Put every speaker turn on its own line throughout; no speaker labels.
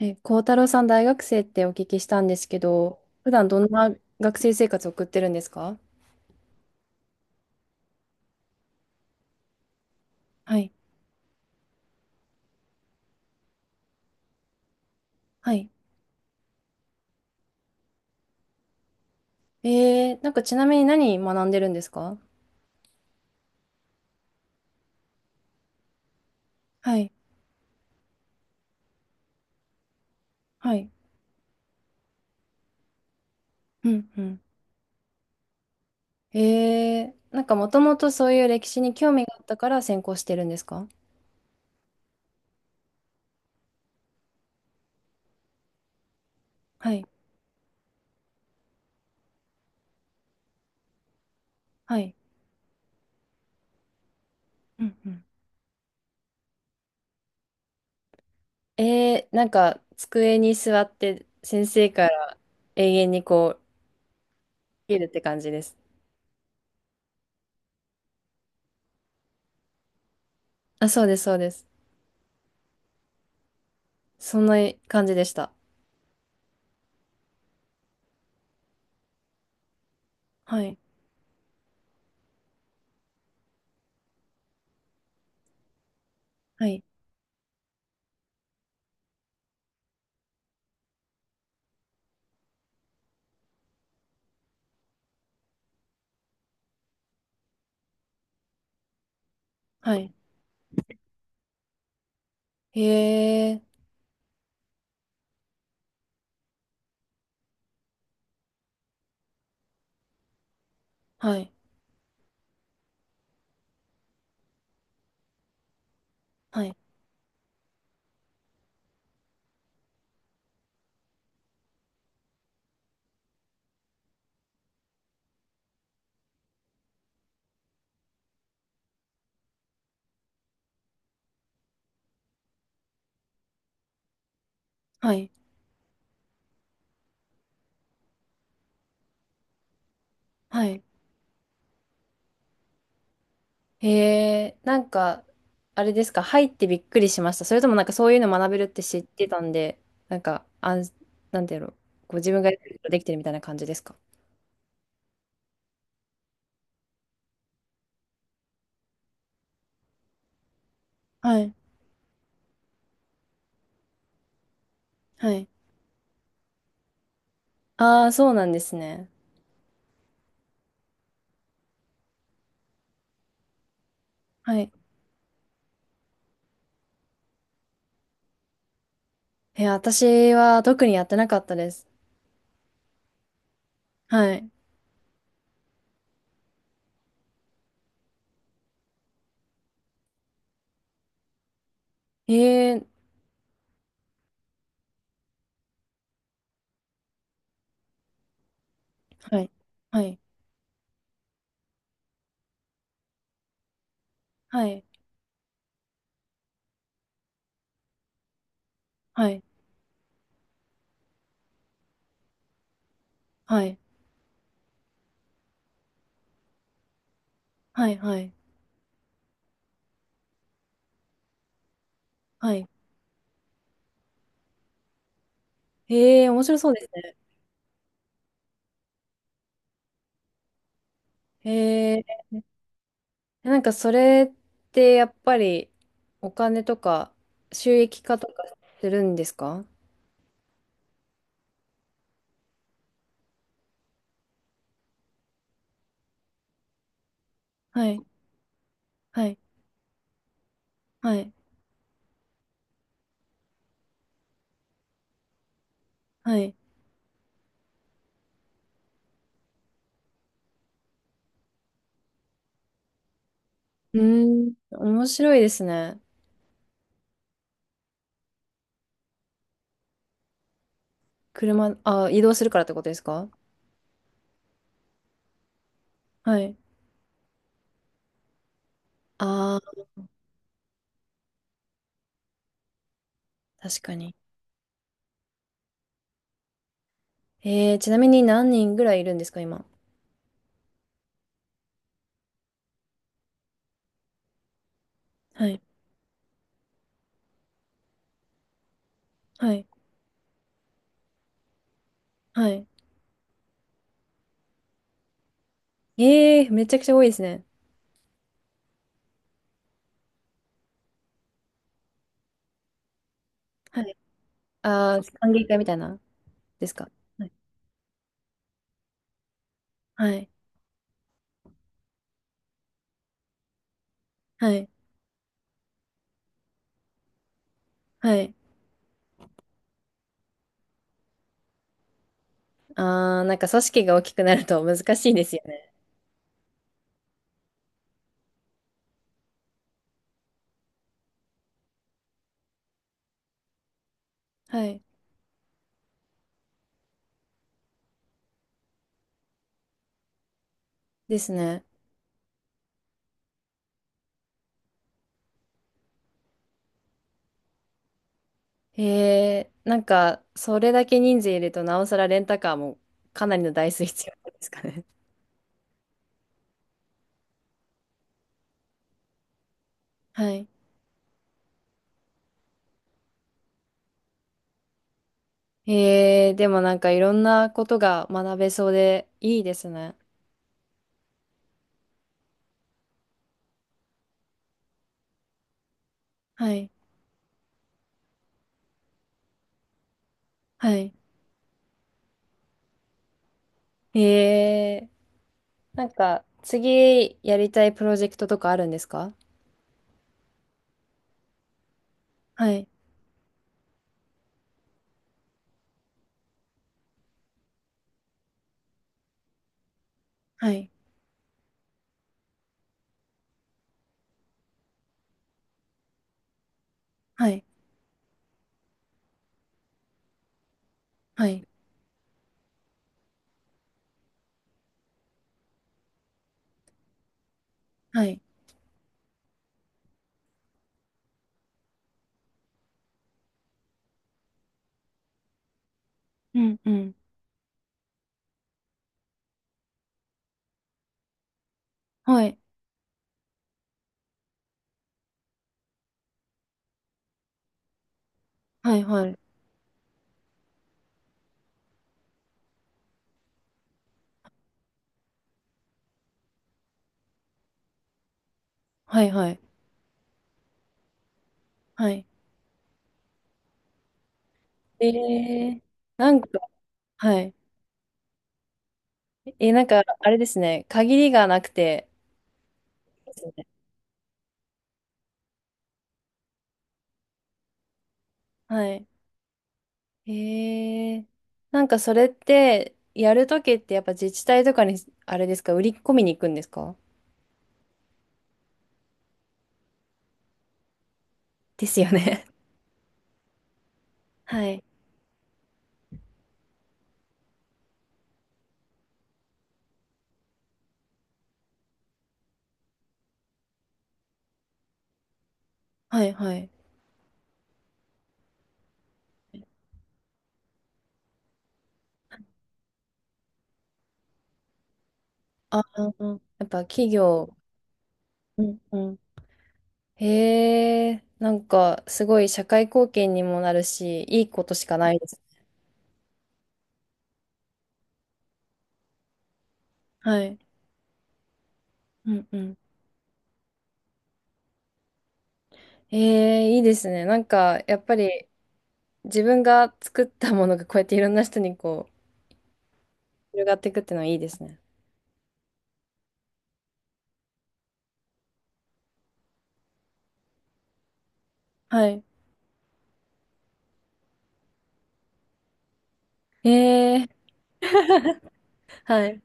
え、幸太郎さん、大学生ってお聞きしたんですけど、普段どんな学生生活を送ってるんですか？はい。はい。なんかちなみに何学んでるんですか？はい。はい。うん、うん。なんかもともとそういう歴史に興味があったから専攻してるんですか？はい。はい。うんうん。なんか机に座って先生から永遠にこう、いるって感じです。あ、そうです、そうです。そんな感じでした。はい。はい。はい。へえ、はい、はい、はい、はい。へえ、なんか、あれですか、入ってびっくりしました。それともなんかそういうの学べるって知ってたんで、なんか、なんていうの、ご自分がやることできてるみたいな感じですか？はい、はい。ああ、そうなんですね。はい。え、私は特にやってなかったです。はい。ええ、はい、はい、はい、はい、はい、はい、はい、はい。ええ、面白そうですね。えなんかそれってやっぱりお金とか収益化とかするんですか？はい、はい、はい、はい。うーん、面白いですね。車、あ、移動するからってことですか？はい。ああ、確かに。ちなみに何人ぐらいいるんですか、今。はい、はい、はい。めちゃくちゃ多いですね。はい。ああ、歓迎会みたいな、ですか？はい、はい、はい。はい。ああー、なんか組織が大きくなると難しいですよね。はい。ですね。へえ、なんか、それだけ人数いると、なおさらレンタカーもかなりの台数必要んですかね？はい。へえ、でもなんかいろんなことが学べそうでいいですね。はい。はい。へえ、なんか、次やりたいプロジェクトとかあるんですか？はい。はい。はい。はい。はい。うんうん。はい。はい。はい。はい。はい。はい。えー、なんか、はい。なんか、あれですね。限りがなくて、ですね。はい。へえ。なんかそれって、やるときってやっぱ自治体とかに、あれですか、売り込みに行くんですか？ですよね。はい。はい、はい。あ、うんやっぱ企業。うん、うん。へえ。なんかすごい社会貢献にもなるし、いいことしかないです。はい。うん、うん。へえ、いいですね。なんかやっぱり自分が作ったものがこうやっていろんな人にこう、広がっていくっていうのはいいですね。はい。へえ。はい。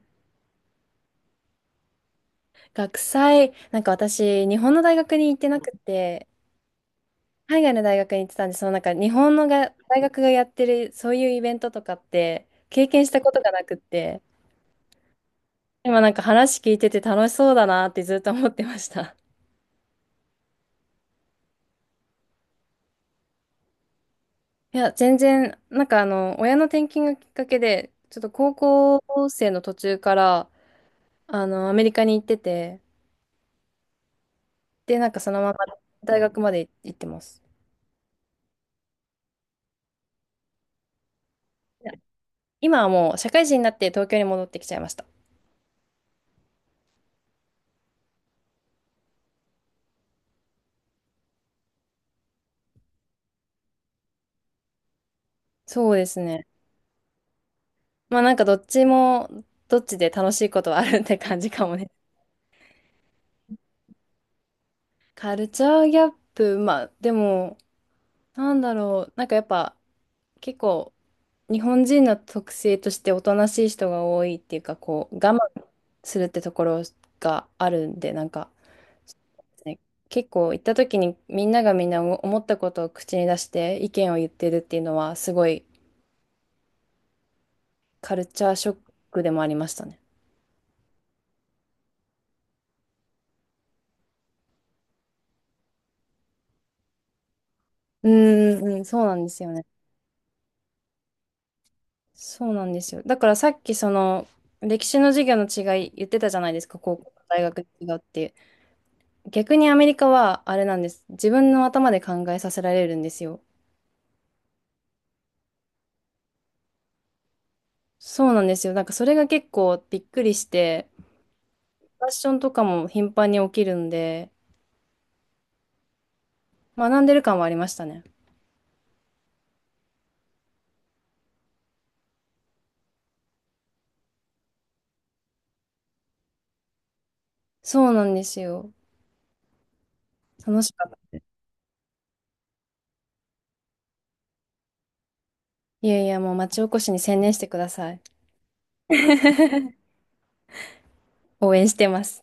学祭、なんか私、日本の大学に行ってなくて、海外の大学に行ってたんで、そのなんか日本のが大学がやってるそういうイベントとかって経験したことがなくって、今なんか話聞いてて楽しそうだなってずっと思ってました。いや、全然、なんか親の転勤がきっかけで、ちょっと高校生の途中から、アメリカに行ってて、で、なんかそのまま大学まで行ってます。いや、今はもう社会人になって東京に戻ってきちゃいました。そうですね。まあなんかどっちも、どっちで楽しいことはあるって感じかもね。カルチャーギャップ、まあでも、なんだろう、なんかやっぱ結構日本人の特性としておとなしい人が多いっていうか、こう我慢するってところがあるんで、なんか、ね、結構行った時にみんながみんな思ったことを口に出して意見を言ってるっていうのはすごいカルチャーショックでもありましたね。うーん、うん、そうなんですよね。そうなんですよ。だからさっきその歴史の授業の違い言ってたじゃないですか、高校と大学で違うって。逆にアメリカはあれなんです。自分の頭で考えさせられるんですよ。そうなんですよ。なんかそれが結構びっくりして、ファッションとかも頻繁に起きるんで、学んでる感はありましたね。そうなんですよ。楽しかったです。いやいや、もう町おこしに専念してください。応援してます。